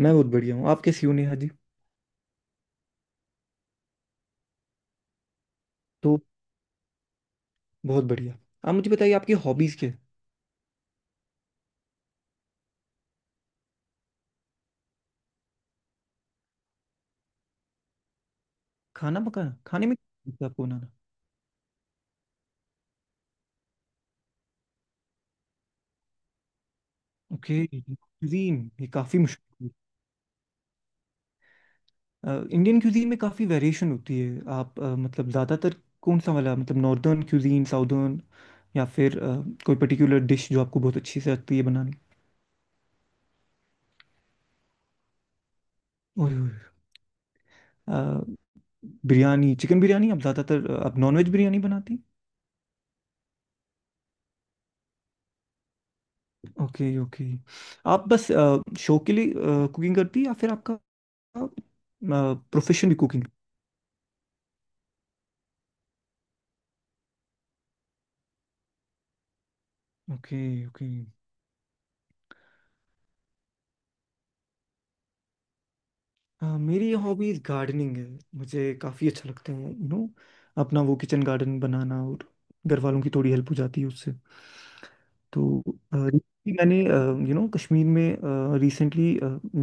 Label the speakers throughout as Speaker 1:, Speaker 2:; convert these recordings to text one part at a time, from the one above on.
Speaker 1: मैं बहुत बढ़िया हूँ। आप कैसी हो नेहा जी? तो, बहुत बढ़िया। आप मुझे बताइए आपकी हॉबीज क्या है? खाना पकाना, खाने में क्या लगता है आपको बनाना? ओके, क्यूजीन ये काफ़ी मुश्किल। इंडियन क्यूजीन में काफ़ी वेरिएशन होती है। आप मतलब ज़्यादातर कौन सा वाला, मतलब नॉर्दर्न क्यूजीन, साउदर्न, या फिर कोई पर्टिकुलर डिश जो आपको बहुत अच्छी से लगती है बनानी? ओए, ओए, अ, बिरयानी, चिकन बिरयानी। आप ज़्यादातर आप नॉनवेज बिरयानी बनाती? Okay, okay. आप बस शौक के लिए कुकिंग करती है, या फिर आपका प्रोफेशन भी कुकिंग? Okay, okay. हाँ, मेरी हॉबीज गार्डनिंग है। मुझे काफ़ी अच्छा लगता है अपना वो किचन गार्डन बनाना, और घर वालों की थोड़ी हेल्प हो जाती है उससे। तो recently मैंने कश्मीर में, रिसेंटली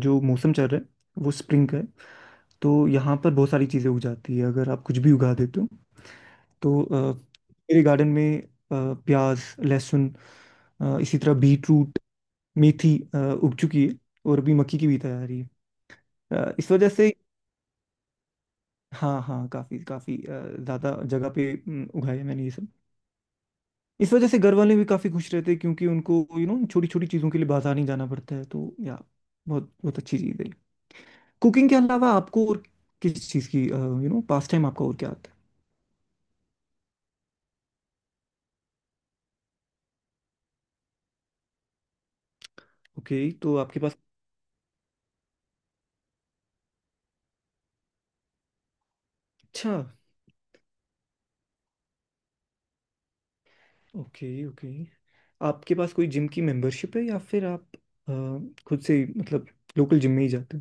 Speaker 1: जो मौसम चल रहा है वो स्प्रिंग का है। तो यहाँ पर बहुत सारी चीज़ें उग जाती है, अगर आप कुछ भी उगा देते हो। तो मेरे गार्डन में प्याज, लहसुन, इसी तरह बीट रूट, मेथी, उग चुकी है, और अभी मक्की की भी तैयारी है। इस वजह से, हाँ, हाँ, काफ़ी काफ़ी ज़्यादा जगह पे उगाया है मैंने ये सब। इस वजह से घर वाले भी काफ़ी खुश रहते हैं, क्योंकि उनको छोटी छोटी चीज़ों के लिए बाजार नहीं जाना पड़ता है, तो या बहुत बहुत अच्छी चीज़ है। कुकिंग के अलावा आपको और किस चीज़ की पास टाइम आपका और क्या आता है? ओके, तो आपके पास। अच्छा। Okay, okay. आपके पास कोई जिम की मेंबरशिप है, या फिर आप अ, खुद से ही, मतलब लोकल जिम में ही जाते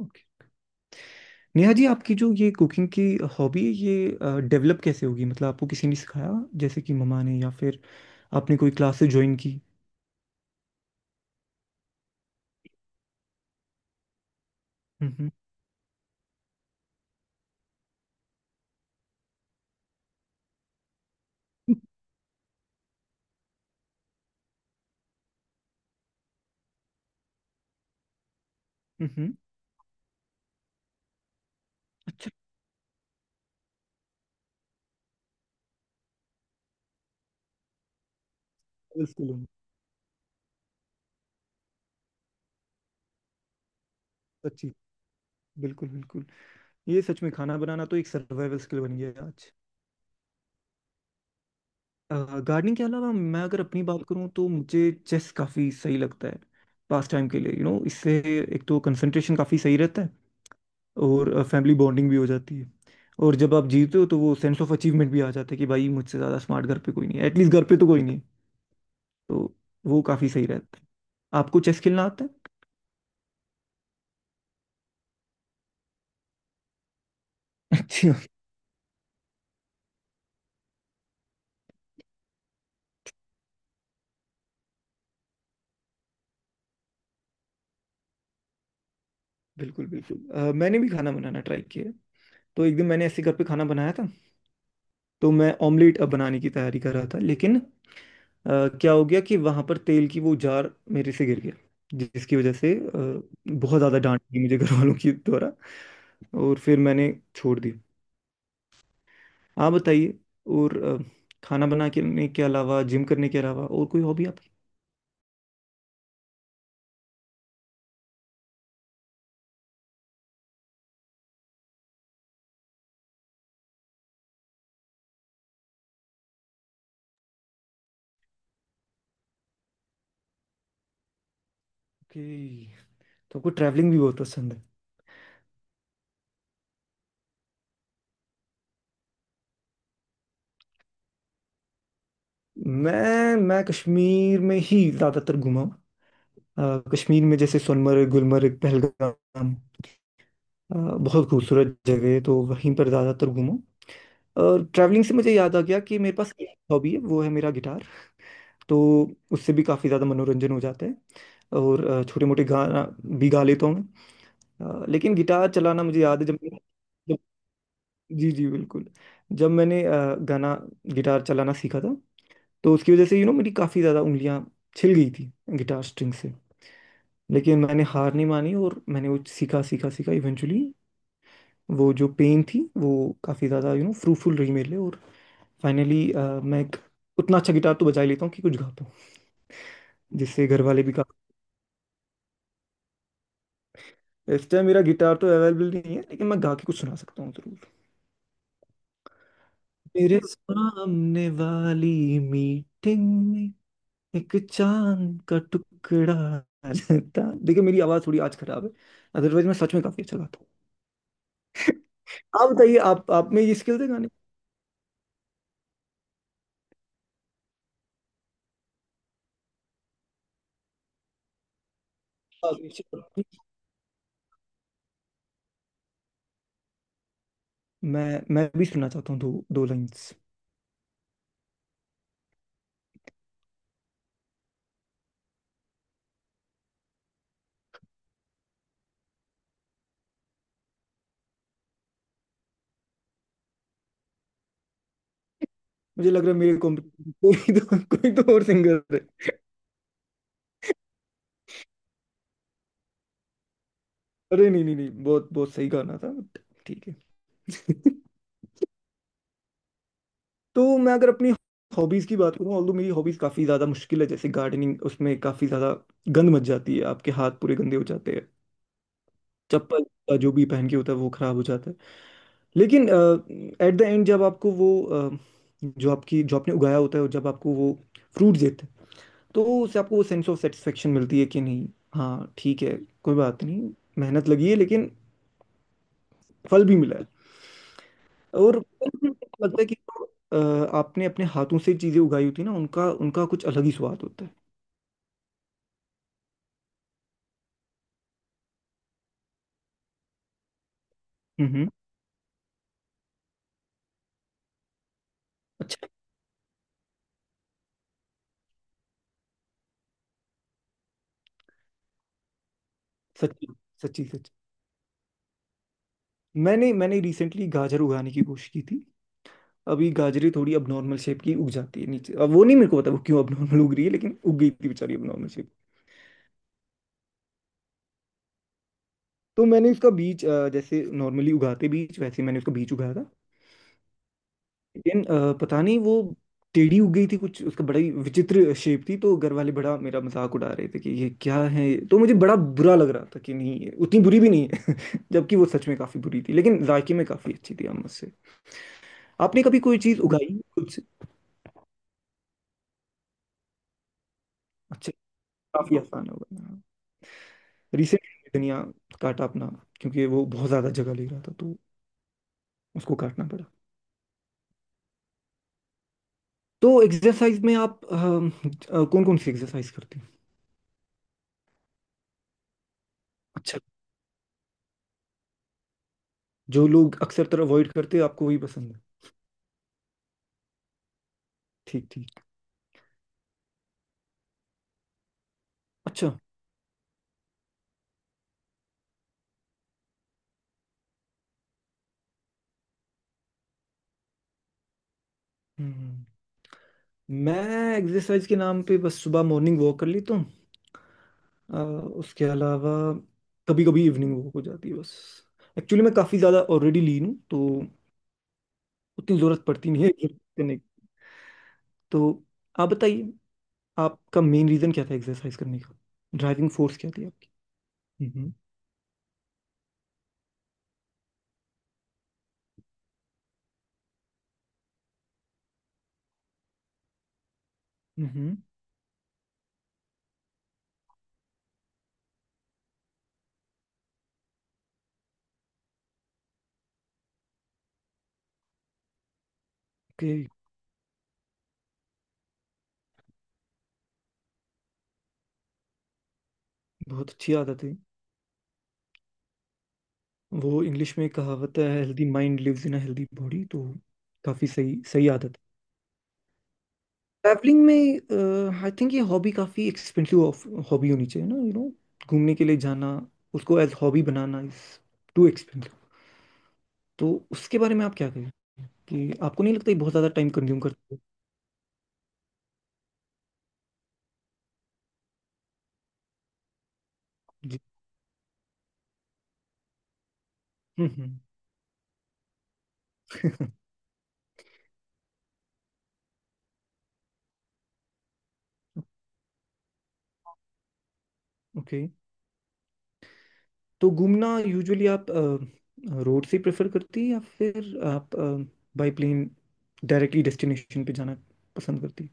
Speaker 1: हैं? नेहा जी, आपकी जो ये कुकिंग की हॉबी है, ये डेवलप कैसे होगी? मतलब आपको किसी ने सिखाया जैसे कि मम्मा ने, या फिर आपने कोई क्लासेस ज्वाइन की? हम्म। हम्म। अच्छा। सर्वाइवल स्किल होगी। सच्ची। बिल्कुल, बिल्कुल। ये सच में खाना बनाना तो एक सर्वाइवल स्किल बन गया है आज। गार्डनिंग के अलावा, मैं अगर अपनी बात करूँ, तो मुझे चेस काफ़ी सही लगता है पास टाइम के लिए। यू you नो know, इससे एक तो कंसंट्रेशन काफ़ी सही रहता है, और फैमिली बॉन्डिंग भी हो जाती है। और जब आप जीते हो, तो वो सेंस ऑफ अचीवमेंट भी आ जाता है कि भाई, मुझसे ज़्यादा स्मार्ट घर पे कोई नहीं है, एटलीस्ट घर पे तो कोई नहीं है। तो वो काफ़ी सही रहता है। आपको चेस खेलना आता है? अच्छा। बिल्कुल, बिल्कुल। मैंने भी खाना बनाना ट्राई किया है। तो एक दिन मैंने ऐसे घर पे खाना बनाया था, तो मैं ऑमलेट अब बनाने की तैयारी कर रहा था, लेकिन क्या हो गया कि वहां पर तेल की वो जार मेरे से गिर गया, जिसकी वजह से बहुत ज़्यादा डांट थी मुझे घर वालों की द्वारा, और फिर मैंने छोड़ दिया। आप बताइए। और खाना बनाने के अलावा, जिम करने के अलावा, और कोई हॉबी आपकी? ओके, तो आपको ट्रैवलिंग भी बहुत पसंद है। मैं कश्मीर में ही ज़्यादातर घूमा हूँ। कश्मीर में जैसे सोनमर्ग, गुलमर्ग, पहलगाम, बहुत खूबसूरत जगह है, तो वहीं पर ज़्यादातर घूमा हूँ। और ट्रैवलिंग से मुझे याद आ गया कि मेरे पास एक हॉबी है, वो है मेरा गिटार। तो उससे भी काफ़ी ज़्यादा मनोरंजन हो जाता है, और छोटे मोटे गाना भी गा लेता हूँ मैं। लेकिन गिटार चलाना मुझे याद है जब। जी, जी, बिल्कुल। जब मैंने गाना गिटार चलाना सीखा था, तो उसकी वजह से मेरी काफ़ी ज़्यादा उंगलियां छिल गई थी, गिटार स्ट्रिंग से। लेकिन मैंने हार नहीं मानी, और मैंने वो सीखा, सीखा, सीखा, इवेंचुअली वो जो पेन थी, वो काफ़ी ज़्यादा फ्रूटफुल रही मेरे लिए, और फाइनली मैं एक उतना अच्छा गिटार तो बजा ही लेता हूँ कि कुछ गा पाऊँ, जिससे घर वाले भी गा। इस टाइम मेरा गिटार तो अवेलेबल नहीं है, लेकिन मैं गा के कुछ सुना सकता हूँ ज़रूर। मेरे सामने वाली मीटिंग, एक चांद का टुकड़ा रहता। देखिए, मेरी आवाज थोड़ी आज खराब है, अदरवाइज मैं सच में काफी अच्छा गाता हूँ। आप बताइए, आप में ये स्किल्स है गाने की? मैं भी सुनना चाहता हूँ दो दो लाइंस। मुझे लग रहा है मेरे को कोई तो कोई तो और सिंगर है। अरे नहीं, नहीं, नहीं, बहुत बहुत सही गाना था, but ठीक है। तो मैं अगर अपनी हॉबीज की बात करूँ, ऑल्दो मेरी हॉबीज काफी ज्यादा मुश्किल है, जैसे गार्डनिंग, उसमें काफी ज्यादा गंद मच जाती है, आपके हाथ पूरे गंदे हो जाते हैं। चप्पल, जो भी पहन के होता है वो खराब हो जाता है। लेकिन एट द एंड जब आपको वो जो आपकी जो आपने उगाया होता है, और जब आपको वो फ्रूट देते हैं, तो उससे आपको वो सेंस ऑफ सेटिस्फेक्शन मिलती है, कि नहीं? हाँ, ठीक है, कोई बात नहीं। मेहनत लगी है, लेकिन फल भी मिला है। और लगता है कि आपने अपने हाथों से चीजें उगाई होती है ना, उनका उनका कुछ अलग ही स्वाद होता है। हम्म। अच्छा। सच्ची, सच्ची, सच्ची। मैंने मैंने रिसेंटली गाजर उगाने की कोशिश की थी। अभी गाजरे थोड़ी अब नॉर्मल शेप की उग जाती है नीचे, अब वो नहीं, मेरे को पता वो क्यों अब नॉर्मल उग रही है, लेकिन उग गई थी बेचारी अब नॉर्मल शेप। तो मैंने उसका बीज, जैसे नॉर्मली उगाते बीज, वैसे ही मैंने उसका बीज उगाया था। लेकिन पता नहीं वो टेढ़ी उग गई थी कुछ, उसका बड़ा ही विचित्र शेप थी, तो घर वाले बड़ा मेरा मजाक उड़ा रहे थे कि ये क्या है, तो मुझे बड़ा बुरा लग रहा था कि नहीं, ये उतनी बुरी भी नहीं है। जबकि वो सच में काफी बुरी थी, लेकिन जायके में काफी अच्छी थी आम से। आपने कभी कोई चीज उगाई कुछ? अच्छा, काफी आसान होगा। रिसेंटली धनिया काटा अपना, क्योंकि वो बहुत ज़्यादा जगह ले रहा था, तो उसको काटना पड़ा। तो एक्सरसाइज में आप कौन कौन सी एक्सरसाइज करते हैं? अच्छा, जो लोग अक्सर तरह अवॉइड करते हैं, आपको वही पसंद है। ठीक, ठीक, अच्छा, हम्म। मैं एक्सरसाइज के नाम पे बस सुबह मॉर्निंग वॉक कर लेता हूँ। अ, उसके अलावा कभी कभी इवनिंग वॉक हो जाती है, बस। एक्चुअली मैं काफ़ी ज़्यादा ऑलरेडी लीन हूँ, तो उतनी ज़रूरत पड़ती नहीं है exercise करने की। तो आप बताइए, आपका मेन रीजन क्या था एक्सरसाइज करने का? ड्राइविंग फोर्स क्या थी आपकी? हम्म, हम्म, ओके। बहुत अच्छी आदत है। वो इंग्लिश में कहावत है, healthy mind lives in a healthy body, तो काफी सही सही आदत है। ट्रैवलिंग में आई थिंक ये हॉबी काफी एक्सपेंसिव हॉबी होनी चाहिए ना। घूमने के लिए जाना, उसको एज हॉबी बनाना इज टू एक्सपेंसिव। तो उसके बारे में आप क्या कहें, कि आपको नहीं लगता ये बहुत ज्यादा टाइम कंज्यूम करती है? जी। हम्म। ओके। तो घूमना यूजुअली आप रोड से प्रेफर करती है, या फिर आप बाय प्लेन डायरेक्टली डेस्टिनेशन पे जाना पसंद करती है?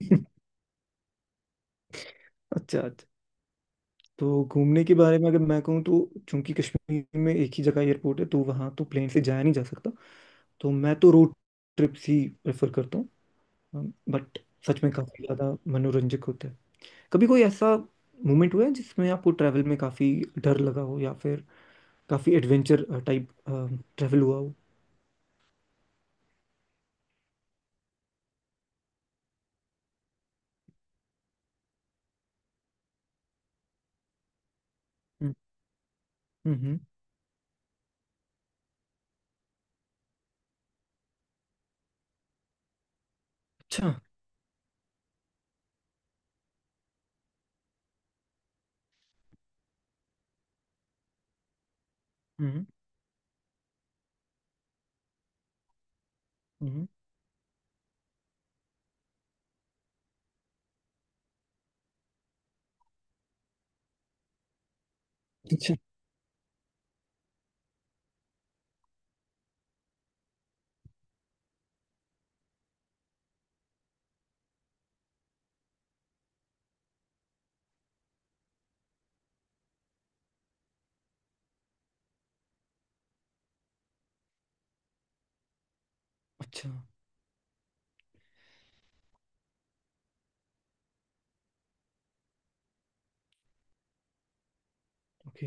Speaker 1: अच्छा, अच्छा। तो घूमने के बारे में अगर मैं कहूँ, तो चूंकि कश्मीर में एक ही जगह एयरपोर्ट है, तो वहाँ तो प्लेन से जाया नहीं जा सकता। तो मैं तो रोड ट्रिप्स ही प्रेफर करता हूँ, बट सच में काफ़ी ज़्यादा मनोरंजक होता है। कभी कोई ऐसा मोमेंट हुआ है जिसमें आपको ट्रैवल में काफ़ी डर लगा हो, या फिर काफ़ी एडवेंचर टाइप ट्रैवल हुआ हो? हम्म, अच्छा, हम्म, हम्म, अच्छा, अच्छा, ओके।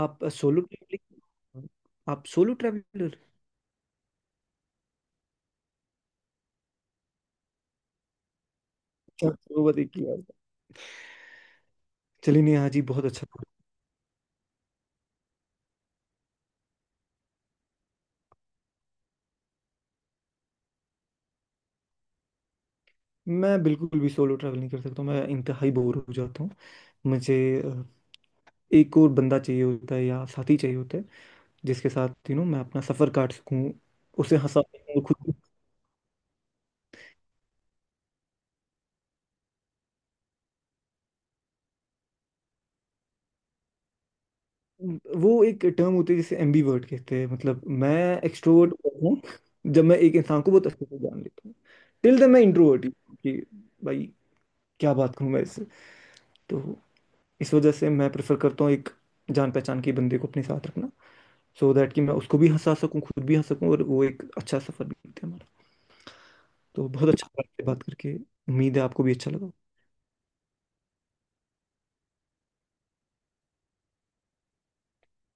Speaker 1: आप सोलो ट्रैवलिंग आप सोलो ट्रैवलर? अच्छा, वो बताइए की बात है। चलिए नेहा जी, बहुत अच्छा था। मैं बिल्कुल भी सोलो ट्रैवल नहीं कर सकता हूँ, मैं इंतहाई बोर हो जाता हूँ। मुझे अ, एक और बंदा चाहिए होता है, या साथी चाहिए होता है, जिसके साथ मैं अपना सफ़र काट सकूँ, उसे हंसा सकूँ खुद। वो एक टर्म होती है जिसे एम्बीवर्ट कहते हैं, मतलब मैं एक्सट्रोवर्ट हूँ, जब मैं एक इंसान को बहुत अच्छे से जान लेता हूँ। टिल देन मैं इंट्रोवर्ट ही हूँ कि भाई, क्या बात करूँ मैं इससे। तो इस वजह से मैं प्रेफर करता हूँ एक जान पहचान के बंदे को अपने साथ रखना, so दैट कि मैं उसको भी हंसा सकूँ, खुद भी हंस सकूँ, और वो एक अच्छा सफर भी बीते हमारा। तो बहुत अच्छा लगा आपसे बात करके, उम्मीद है आपको भी अच्छा लगा।